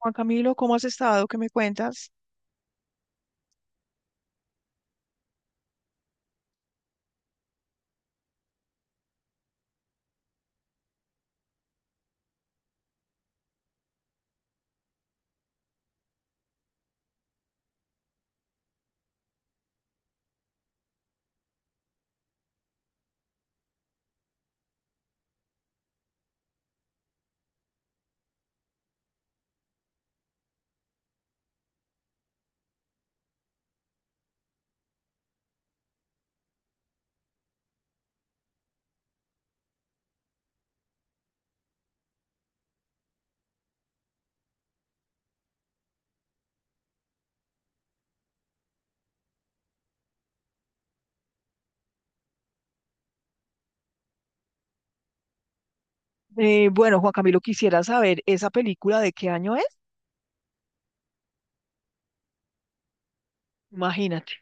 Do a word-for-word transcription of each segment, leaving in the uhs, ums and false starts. Juan Camilo, ¿cómo has estado? ¿Qué me cuentas? Eh, bueno, Juan Camilo, quisiera saber, ¿esa película de qué año es? Imagínate.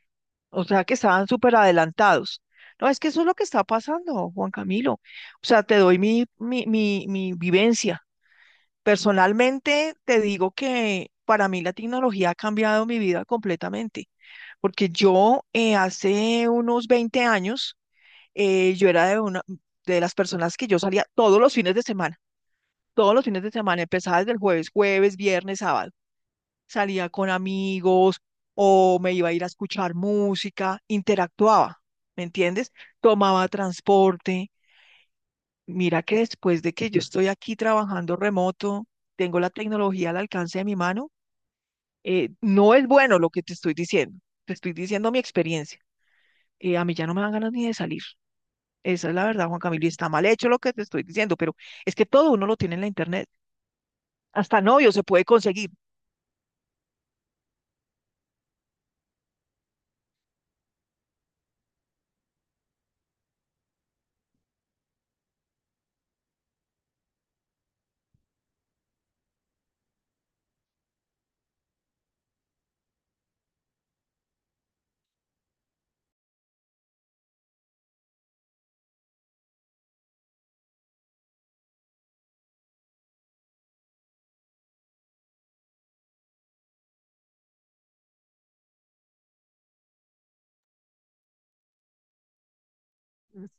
O sea, que estaban súper adelantados. No, es que eso es lo que está pasando, Juan Camilo. O sea, te doy mi, mi, mi, mi vivencia. Personalmente, te digo que para mí la tecnología ha cambiado mi vida completamente, porque yo eh, hace unos veinte años, eh, yo era de, una, de las personas que yo salía todos los fines de semana. Todos los fines de semana, empezaba desde el jueves, jueves, viernes, sábado. Salía con amigos o me iba a ir a escuchar música, interactuaba, ¿me entiendes? Tomaba transporte. Mira que después de que yo estoy aquí trabajando remoto, tengo la tecnología al alcance de mi mano, eh, no es bueno lo que te estoy diciendo, te estoy diciendo mi experiencia. Eh, a mí ya no me dan ganas ni de salir. Esa es la verdad, Juan Camilo, y está mal hecho lo que te estoy diciendo, pero es que todo uno lo tiene en la internet. Hasta novio se puede conseguir.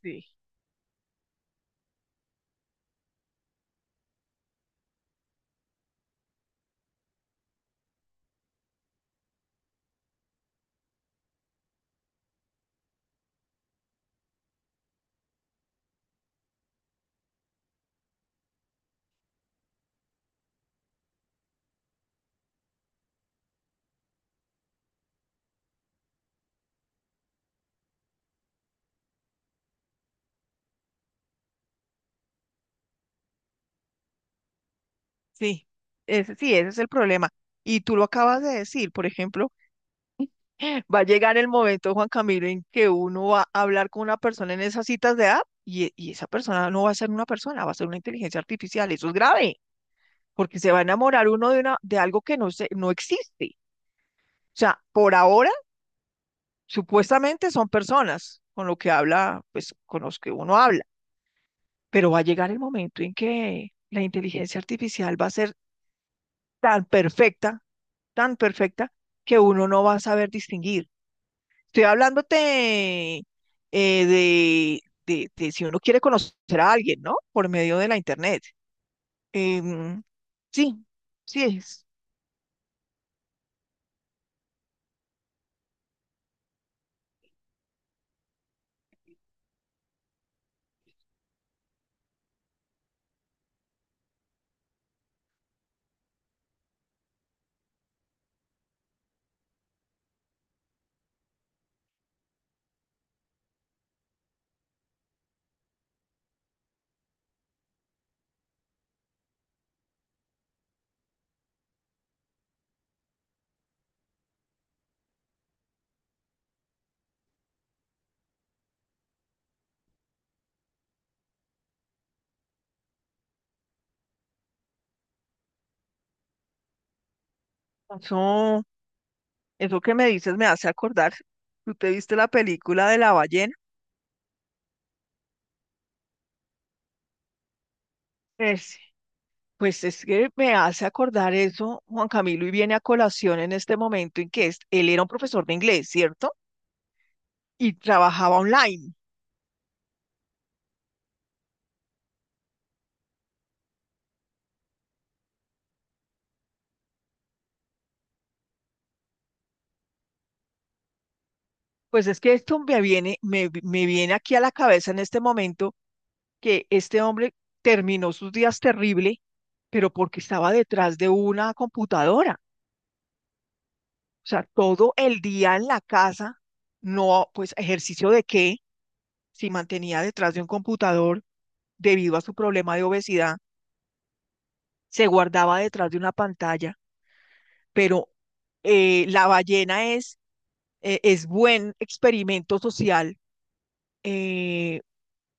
Sí. Sí, ese, sí, ese es el problema. Y tú lo acabas de decir, por ejemplo, va a llegar el momento, Juan Camilo, en que uno va a hablar con una persona en esas citas de app y, e- y esa persona no va a ser una persona, va a ser una inteligencia artificial. Eso es grave, porque se va a enamorar uno de, una, de algo que no, se, no existe. O sea, por ahora, supuestamente son personas con lo que habla, pues con los que uno habla, pero va a llegar el momento en que la inteligencia artificial va a ser tan perfecta, tan perfecta, que uno no va a saber distinguir. Estoy hablándote eh, de, de- de si uno quiere conocer a alguien, ¿no? Por medio de la internet. Em, sí, sí es. Eso, eso que me dices me hace acordar. ¿Tú te viste la película de la ballena? Es- pues es que me hace acordar eso, Juan Camilo, y viene a colación en este momento en que es- él era un profesor de inglés, ¿cierto? Y trabajaba online. Pues es que esto me viene, me, me viene aquí a la cabeza en este momento que este hombre terminó sus días terrible, pero porque estaba detrás de una computadora. O sea, todo el día en la casa, no, pues ejercicio de qué, si mantenía detrás de un computador debido a su problema de obesidad, se guardaba detrás de una pantalla, pero eh, la ballena es, eh, es buen experimento social. eh,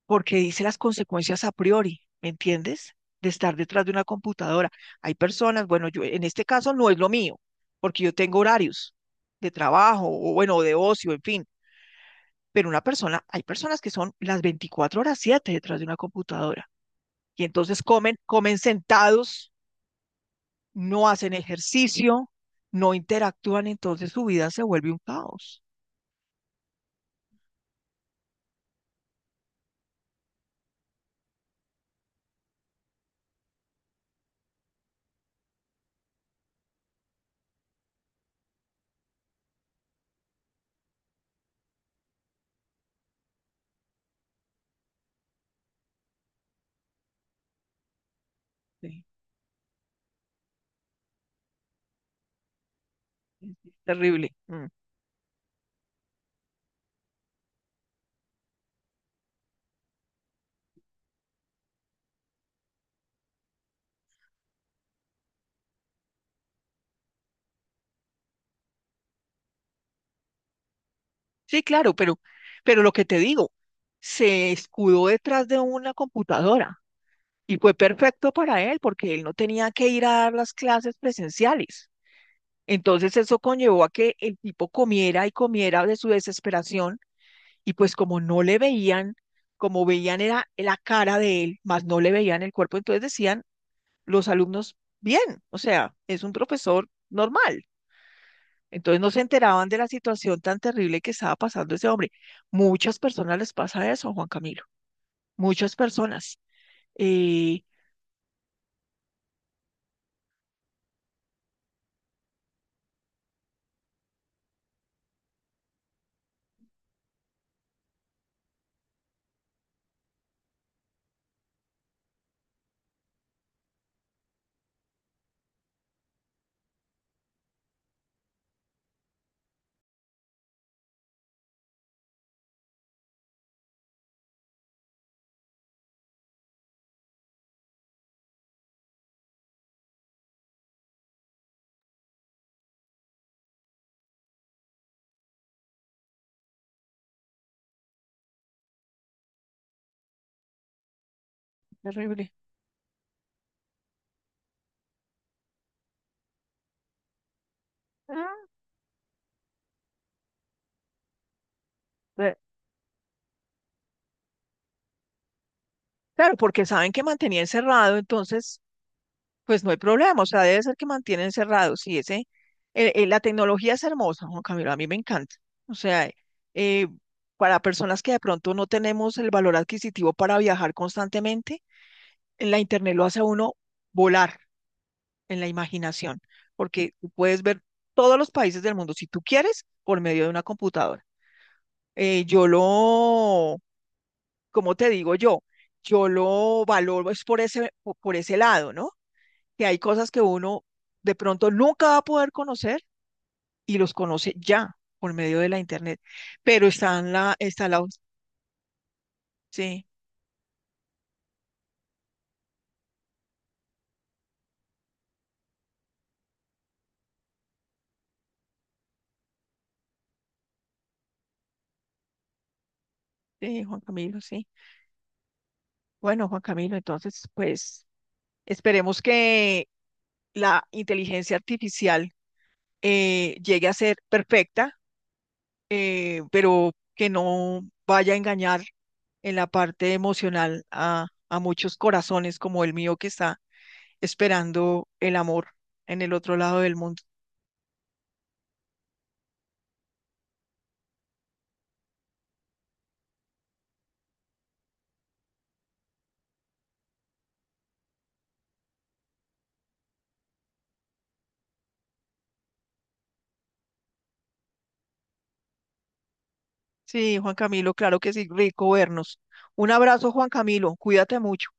Porque dice las consecuencias a priori, ¿me entiendes? De estar detrás de una computadora. Hay personas, bueno, yo en este caso no es lo mío, porque yo tengo horarios de trabajo o bueno, de ocio, en fin, pero una persona, hay personas que son las veinticuatro horas siete detrás de una computadora y entonces comen, comen sentados, no hacen ejercicio, no interactúan, entonces su vida se vuelve un caos. Sí, es es terrible. Mm. Sí, claro, pero, pero lo que te digo, se escudó detrás de una computadora y fue perfecto para él porque él no tenía que ir a dar las clases presenciales. Entonces eso conllevó a que el tipo comiera y comiera de su desesperación. Y pues como no le veían, como veían era la cara de él, más no le veían el cuerpo, entonces decían los alumnos, bien, o sea, es un profesor normal. Entonces no se enteraban de la situación tan terrible que estaba pasando ese hombre. Muchas personas les pasa eso, Juan Camilo. Muchas personas. Eh, terrible. Ah, eh, claro, porque saben que mantenía encerrado, entonces pues no hay problema, o sea, debe ser que mantienen cerrados, sí, ese, eh, eh, la tecnología es hermosa, Juan Camilo, a mí me encanta. O sea, eh, para personas que de pronto no tenemos el valor adquisitivo para viajar constantemente, la internet lo hace a uno volar en la imaginación, porque tú puedes ver todos los países del mundo, si tú quieres, por medio de una computadora. Eh, yo lo, como te digo yo? Yo lo valoro es por ese, po- por ese lado, ¿no? Que hay cosas que uno de pronto nunca va a poder conocer y los conoce ya por medio de la internet. Pero está en la, está la, sí, sí, Juan Camilo, sí. Bueno, Juan Camilo, entonces, pues esperemos que la inteligencia artificial eh, llegue a ser perfecta, eh, pero que no vaya a engañar en la parte emocional a, a muchos corazones como el mío que está esperando el amor en el otro lado del mundo. Sí, Juan Camilo, claro que sí, rico vernos. Un abrazo, Juan Camilo, cuídate mucho.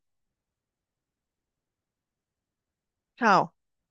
Chao.